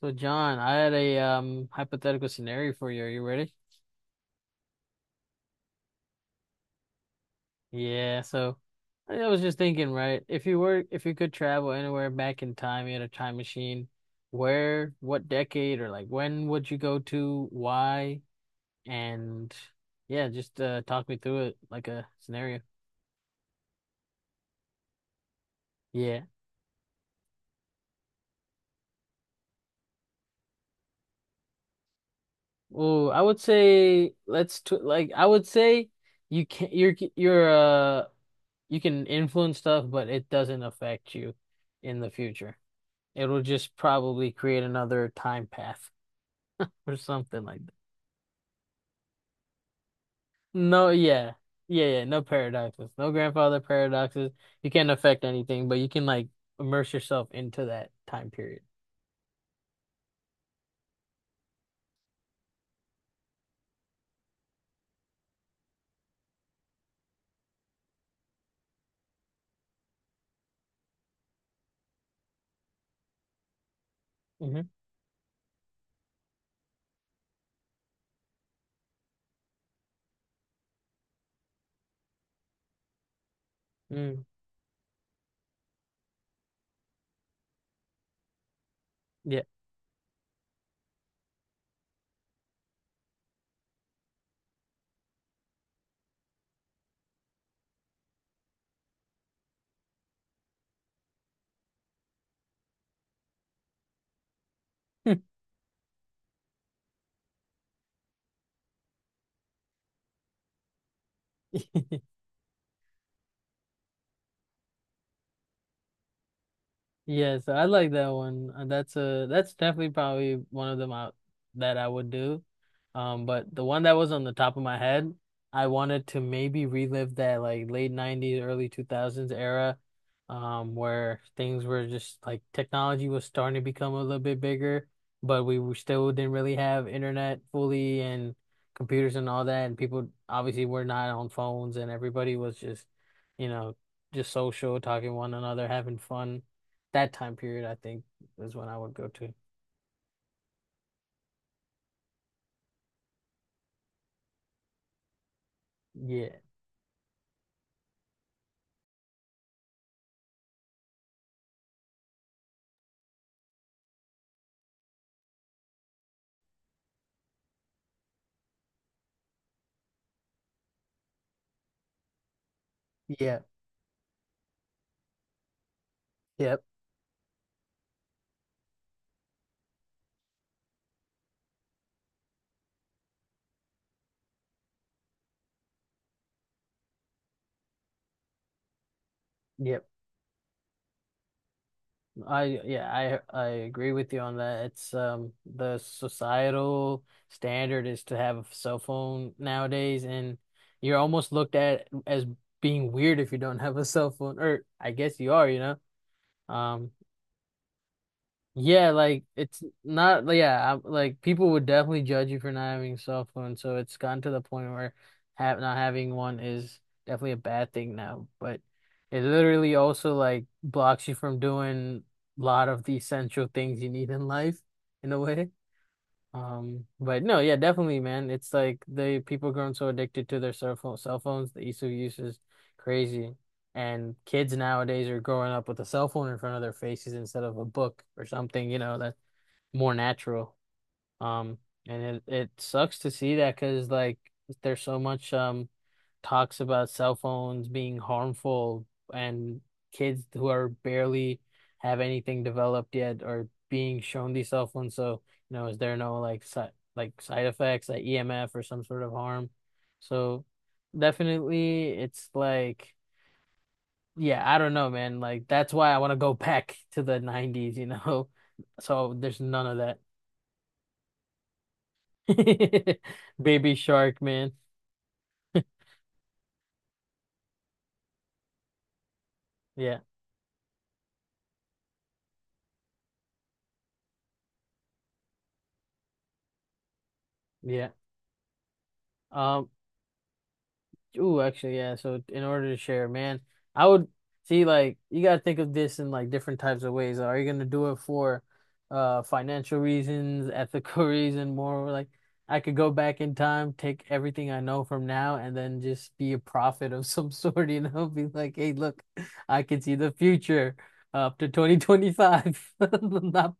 So John, I had a hypothetical scenario for you. Are you ready? So I was just thinking, right? If you could travel anywhere back in time, you had a time machine, where, what decade or like when would you go to, why, and yeah, just talk me through it like a scenario. Yeah. Well, I would say let's t like I would say you can you can influence stuff, but it doesn't affect you in the future. It'll just probably create another time path or something like that. No, yeah. Yeah, yeah, no paradoxes. No grandfather paradoxes. You can't affect anything, but you can like immerse yourself into that time period. Hmm. Mm, yeah. Yes, I like that one. That's definitely probably one of them out that I would do. But the one that was on the top of my head, I wanted to maybe relive that like late 90s, early 2000s era, where things were just like technology was starting to become a little bit bigger, but we were still didn't really have internet fully and computers and all that, and people obviously were not on phones and everybody was just, you know, just social, talking to one another, having fun that time period, I think, is when I would go to. Yeah. Yeah. Yep. Yep. I yeah, I agree with you on that. It's the societal standard is to have a cell phone nowadays, and you're almost looked at as being weird if you don't have a cell phone. Or I guess you are, you know. Um Yeah, like it's not like, yeah, I like people would definitely judge you for not having a cell phone, so it's gotten to the point where have not having one is definitely a bad thing now, but it literally also like blocks you from doing a lot of the essential things you need in life in a way. But no, yeah, definitely, man. It's like the people grown so addicted to their cell phones, the ease of use is crazy. And kids nowadays are growing up with a cell phone in front of their faces instead of a book or something, you know, that's more natural. Um, and it sucks to see that because like there's so much talks about cell phones being harmful, and kids who are barely have anything developed yet are being shown these cell phones. So, you know, is there no like side effects, like EMF or some sort of harm? So definitely it's like yeah, I don't know, man. Like that's why I want to go back to the 90s, you know. So there's none of that. Baby Shark, man. Yeah. Yeah. Um, Ooh, actually, yeah. So in order to share, man, I would see like you gotta think of this in like different types of ways. Like, are you gonna do it for financial reasons, ethical reason, more like I could go back in time, take everything I know from now, and then just be a prophet of some sort, you know, be like, hey, look, I can see the future up to 2025. Not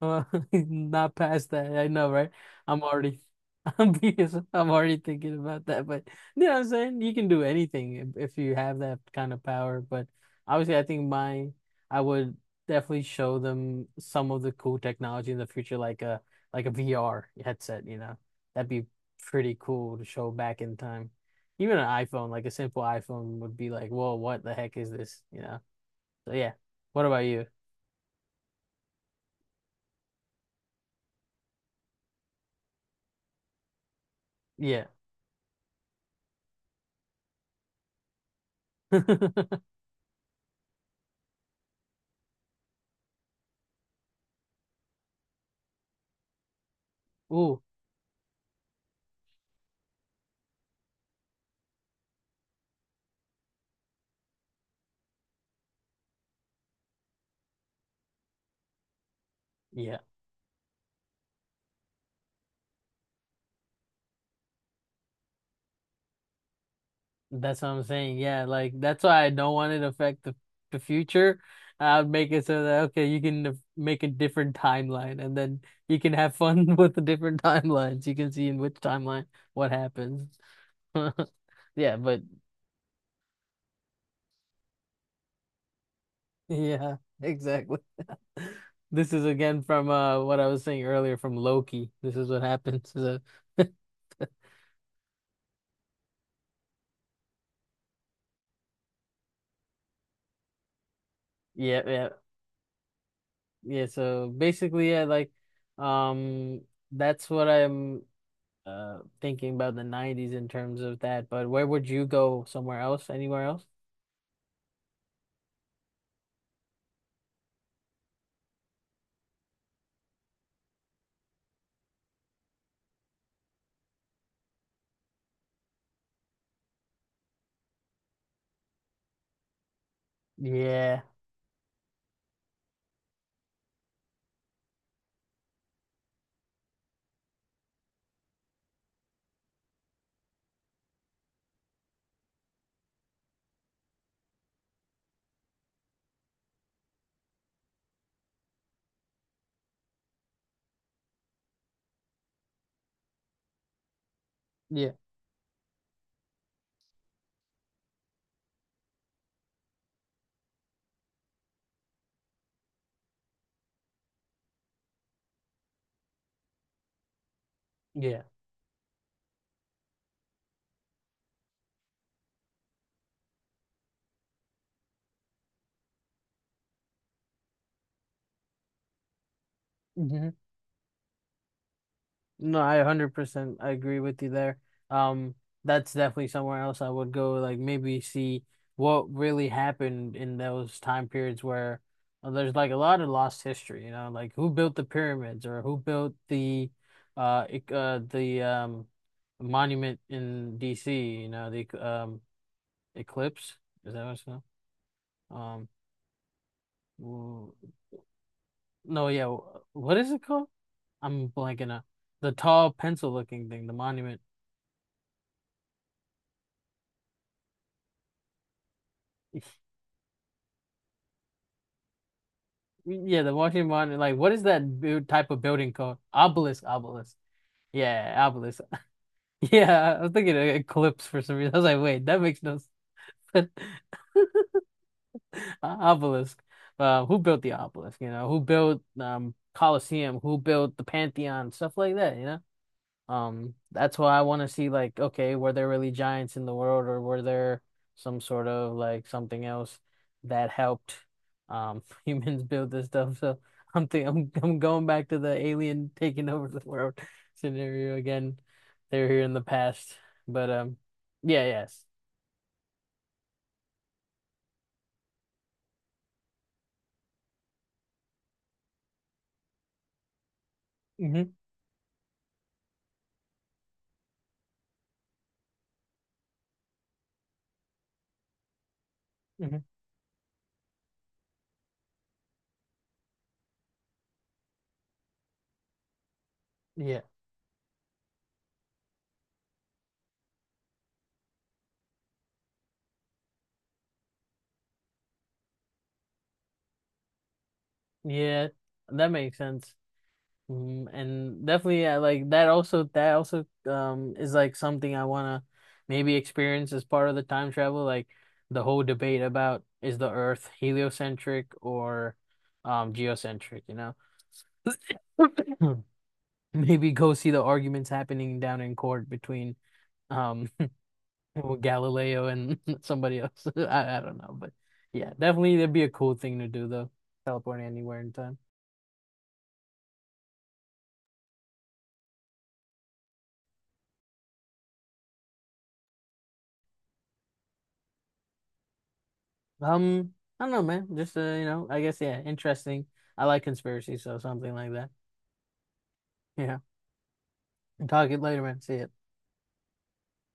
uh, not past that. I know, right? I'm already, I'm because I'm already thinking about that. But you know what I'm saying? You can do anything if you have that kind of power. But obviously, I would definitely show them some of the cool technology in the future, like a VR headset. You know, that'd be pretty cool to show back in time. Even an iPhone, like a simple iPhone, would be like, whoa, what the heck is this? You know? So yeah. What about you? Yeah. Ooh. Yeah. That's what I'm saying. Yeah, like that's why I don't want it to affect the future. I'd make it so that okay, you can def- make a different timeline, and then you can have fun with the different timelines. You can see in which timeline what happens. Yeah, but yeah, exactly. This is again from what I was saying earlier from Loki. This is what happens. So, yeah, yeah, yeah. So basically, yeah, like, um, that's what I'm thinking about the 90s in terms of that, but where would you go somewhere else? Anywhere else? Yeah. Yeah. Yeah. Hmm. No, I 100% I agree with you there. Um that's definitely somewhere else I would go, like maybe see what really happened in those time periods where there's like a lot of lost history, you know, like who built the pyramids or who built the uh, ec- uh the um monument in DC, you know, the eclipse. Is that what it's called? Um, w- no, yeah. What is it called? I'm blanking out. The tall pencil looking thing, the monument. Yeah, the Washington Monument. Like, what is that build type of building called? Obelisk. Yeah, obelisk. Yeah, I was thinking of eclipse for some reason. I was like, wait, that makes no sense. Obelisk. Who built the obelisk? You know, who built Colosseum? Who built the Pantheon? Stuff like that. You know. That's why I want to see like, okay, were there really giants in the world, or were there some sort of like something else that helped humans build this stuff? So I'm think I'm going back to the alien taking over the world scenario again. They're here in the past. But yeah, yes. Mm-hmm. Hmm. Yeah. Yeah, that makes sense. Mm, and definitely like that also is like something I wanna maybe experience as part of the time travel, like the whole debate about is the Earth heliocentric or geocentric, you know? Maybe go see the arguments happening down in court between um Galileo and somebody else. I don't know, but yeah, definitely that'd be a cool thing to do though. Teleporting anywhere in time. Um, I don't know, man. Just you know, I guess yeah, interesting. I like conspiracy, so something like that. Yeah. Talk it later, man. See ya.